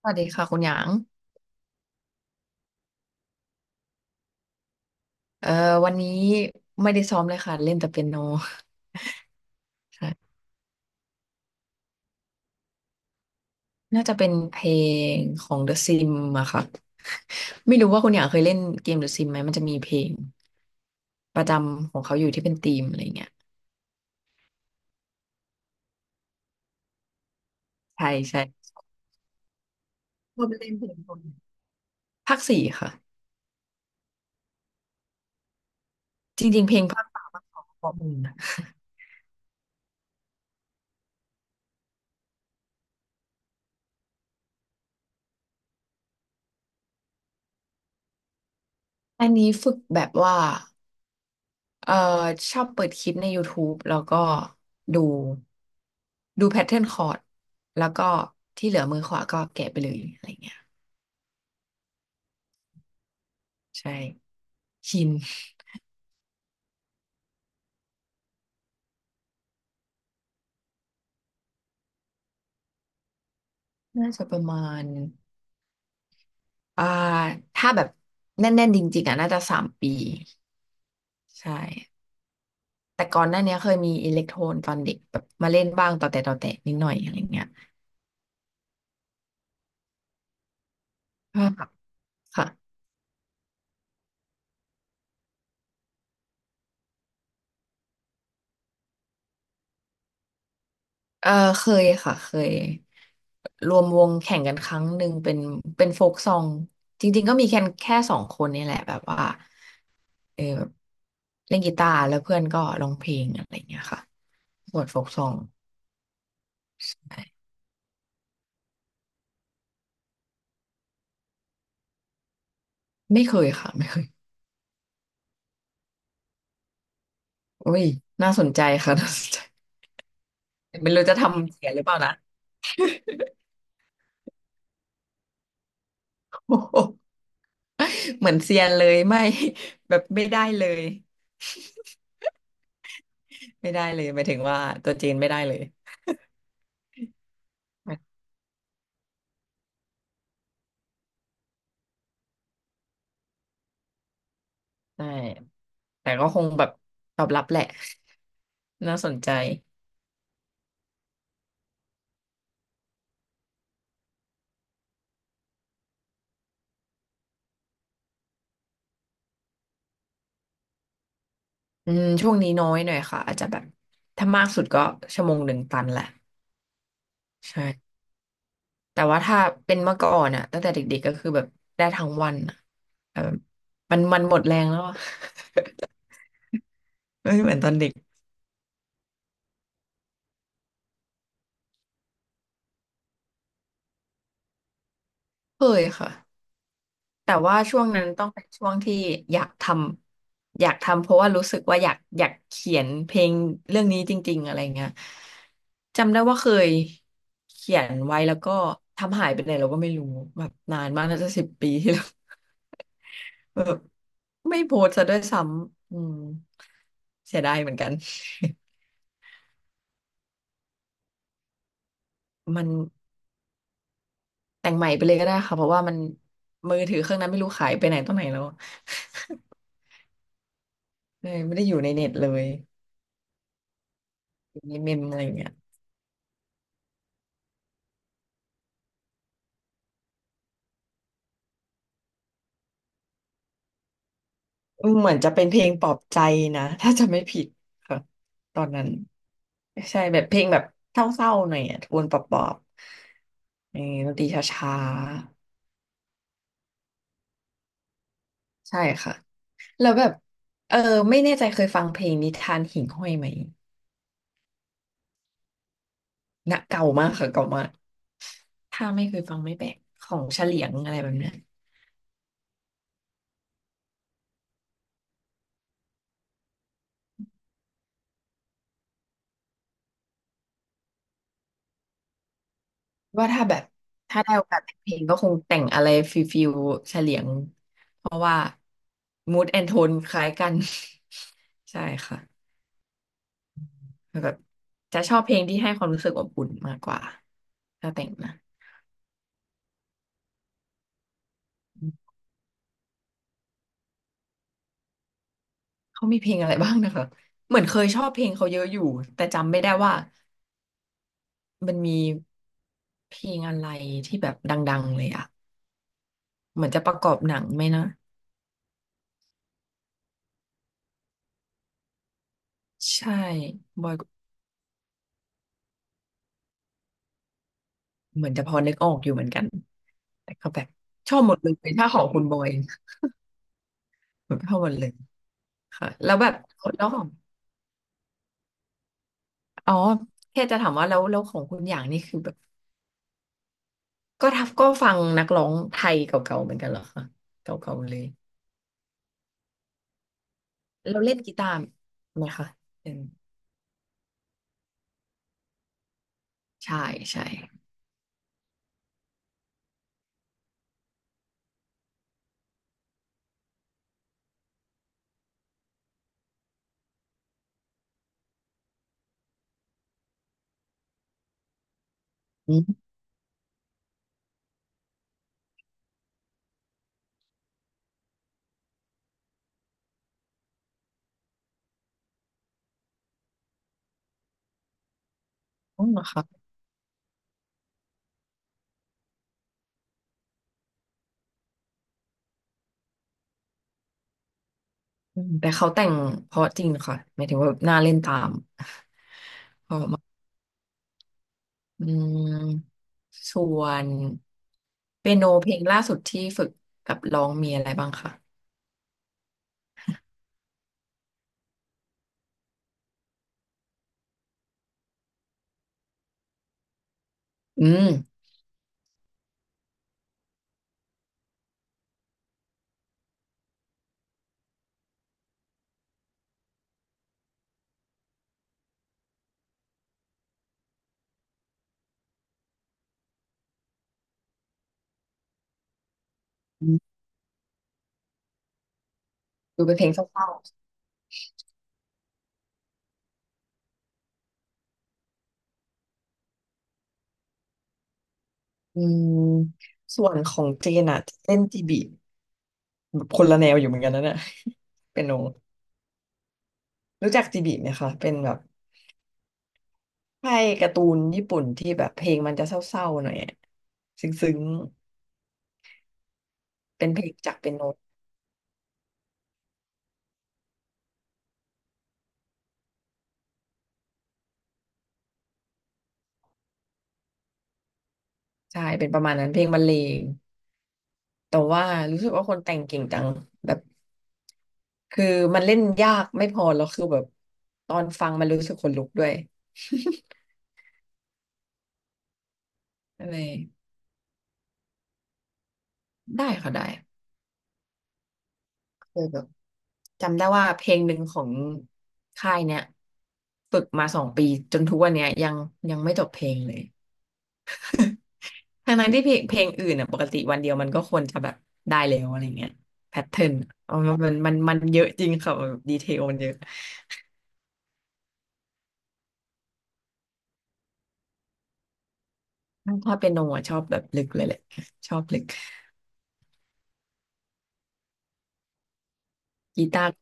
สวัสดีค่ะคุณหยางเอ่อวันนี้ไม่ได้ซ้อมเลยค่ะเล่นแต่เปียโนค่ะน่าจะเป็นเพลงของ The Sim อะค่ะ ไม่รู้ว่าคุณหยางเคยเล่นเกม The Sim ไหมมันจะมีเพลงประจำของเขาอยู่ที่เป็นธีมอะไรเงี้ยใช่ใช่ชอบเล่นเพลงคกนภาคสี่ค่ะจริงๆเพลงภาคสามภาคสองข้อมูลนะอันนี้ฝึกแบบว่า เอ่อชอบเปิดคลิปใน YouTube แล้วก็ดูดูแพทเทิร์นคอร์ดแล้วก็ที่เหลือมือขวาก็แกะไปเลยอะไรเงี้ย ใช่ชินน่าจะประมาณอ่าถ้าแบบแน่นๆจริงๆอ่ะน่าจะสามปีใช่แต่ก่อนหน้าเนี้ยเคยมีอิเล็กโทรนตอนเด็กแบบมาเล่นบ้างต่อแต่นิดหน่อยอะไรเงี้ยก็แบบค่ะเออเคยค่ะเคยรวมวงแข่งกันครั้งหนึ่งเป็นเป็นโฟกซองจริงๆก็มีแค่สองคนนี่แหละแบบว่าเออแบบเล่นกีตาร์แล้วเพื่อนก็ร้องเพลงอะไรเงี้ยค่ะบทโฟกซองใช่ไม่เคยค่ะไม่เคย อุ้ยน่าสนใจค่ะ น่าสนใจไม่รู้จะทำเสียหรือเปล่านะ โอ้โหเหมือนเซียนเลยไม่ แบบไม่ได้เลยไม่ได้เลยหมายถึงว่าตัวจีนไม่ได้เลยใช่แต่ก็คงแบบตอบรับแหละ น่าสนใจอืมช่วงนี้น้อยหน่อยค่ะอาจจะแบบถ้ามากสุดก็ชั่วโมงหนึ่งตันแหละใช่แต่ว่าถ้าเป็นเมื่อก่อนอะตั้งแต่เด็กๆก็คือแบบได้ทั้งวันอะแบบมันหมดแรงแล้วอะ ไม่เหมือนตอนเด็กเคยค่ะ แต่ว่าช่วงนั้นต้องเป็นช่วงที่อยากทอยากทำเพราะว่ารู้สึกว่าอยากเขียนเพลงเรื่องนี้จริงๆอะไรเงี้ยจำได้ว่าเคยเขียนไว้แล้วก็ทำหายไปไหนเราก็ไม่รู้แบบนานมากน่าจะสิบปีที่แล้ว แบบไม่โพสต์ซะด้วยซ้ำอืมเสียดายเหมือนกัน มันแต่งใหม่ไปเลยก็ได้ค่ะเพราะว่ามันมือถือเครื่องนั้นไม่รู้ขายไปไหนตรงไหนแล้วเลยไม่ได้อยู่ในเน็ตเลยอยู่ในเมมอะไรเงี้ย เหมือนจะเป็นเพลงปลอบใจนะ ถ้าจะไม่ผิดค่ะตอนนั้นใช่แบบเพลงแบบเศร้าๆหน่อยอ่ะโทนปลอบๆเออดนตรีช้าๆใช่ค่ะแล้วแบบเออไม่แน่ใจเคยฟังเพลงนิทานหิ่งห้อยไหมนะเก่ามากค่ะเก่ามากถ้าไม่เคยฟังไม่แปลกของเฉลียงอะไรแบบเนี้ยว่าถ้าแบบถ้าได้โอกาสแต่งเพลงก็คงแต่งอะไรฟิลฟิลเฉลียงมูดแอนโทนคล้ายกัน ใช่ค่ะ แบบจะชอบเพลงที่ให้ความรู้สึกอบอุ่นมากกว่าถ้าแต่งนะอืมเขามีเพลงอะไรบ้างนะคะเหมือนเคยชอบเพลงเขาเยอะอยู่แต่จำไม่ได้ว่ามันมีเพลงอะไรที่แบบดังๆเลยอะเหมือนจะประกอบหนังไหมนะใช่บอยเหมือนจะพอนึกออกอยู่เหมือนกันแต่ก็แบบชอบหมดเลยถ้าของคุณบอยแบบชอบหมดเลยค่ะแล้วแบบแล้วของอ๋อแค่จะถามว่าแล้วของคุณอย่างนี่คือแบบ ก็ทับก็ฟังนักร้องไทยเก่าๆเหมือนกันเหรอคะเก่าๆเลยเราเล่นกีตาร์ไหมคะเป็นใช่ใช่อืมอ๋อเหรอคะอืมแต่เขาแต่งเพราะจริงค่ะหมายถึงว่าน่าเล่นตามอืมส่วนเปียโนเพลงล่าสุดที่ฝึกกับร้องมีอะไรบ้างคะอืมอืมดูเป็นเพลงเศร้าๆอืมส่วนของเจนอะเล่นจีบีคนละแนวอยู่เหมือนกันนะเนี่ย เปียโนรู้จักจีบีไหมคะเป็นแบบ ใช่การ์ตูนญี่ปุ่นที่แบบเพลงมันจะเศร้าๆหน่อยอะซึ้งๆเป็นเพลงจากเป็นโน้ตใช่เป็นประมาณนั้นเพลงบรรเลงแต่ว่ารู้สึกว่าคนแต่งเก่งจังแบบคือมันเล่นยากไม่พอแล้วคือแบบตอนฟังมันรู้สึกขนลุกด้วย อ็ไรได้ค่ะได้เคยแบบจำได้ว่าเพลงหนึ่งของค่ายเนี้ยฝึกมาสองปีจนทุกวันเนี้ยยังไม่จบเพลงเลย ทั้งนั้นที่เพลงอื่นอ่ะปกติวันเดียวมันก็ควรจะแบบได้แล้วอะไรเงี้ยแพทเทิร์นอ๋อมันเยอะจริงค่ะแบบดีเทลมันเยอะถ้าเป็นโนอ่ะชอบแบบลึกเลยแหละชอบลึกกีตาร์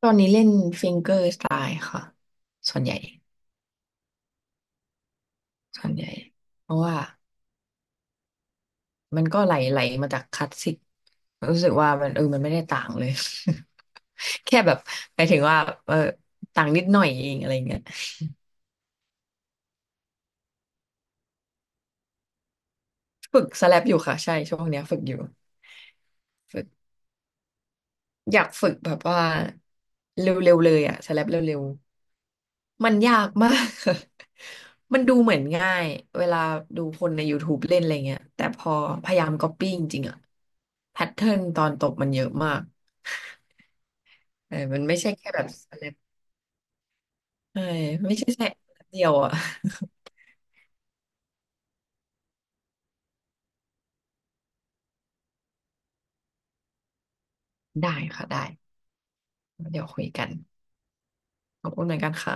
ตอนนี้เล่นฟิงเกอร์สไตล์ค่ะส่วนใหญ่ส่วนใหญ่เพราะว่ามันก็ไหลมาจากคลาสสิกรู้สึกว่ามันเออมันไม่ได้ต่างเลย แค่แบบหมายถึงว่าเออต่างนิดหน่อยเองอะไรเงี้ยฝึกสแลปอยู่ค่ะใช่ช่วงเนี้ยฝึกอยู่ อยากฝึกแบบว่าเร็วๆเลยอะสแลปเร็วๆมันยากมาก มันดูเหมือนง่ายเวลาดูคนใน YouTube เล่นอะไรเงี้ยแต่พอพยายามก๊อปปี้จริงๆอะแพทเทิร์นตอนตบมันเยอะมากเออมันไม่ใช่แค่แบบสแลปเออไม่ใช่แค่เดียวอะ ได้ค่ะได้เดี๋ยวคุยกันขอบคุณเหมือนกันค่ะ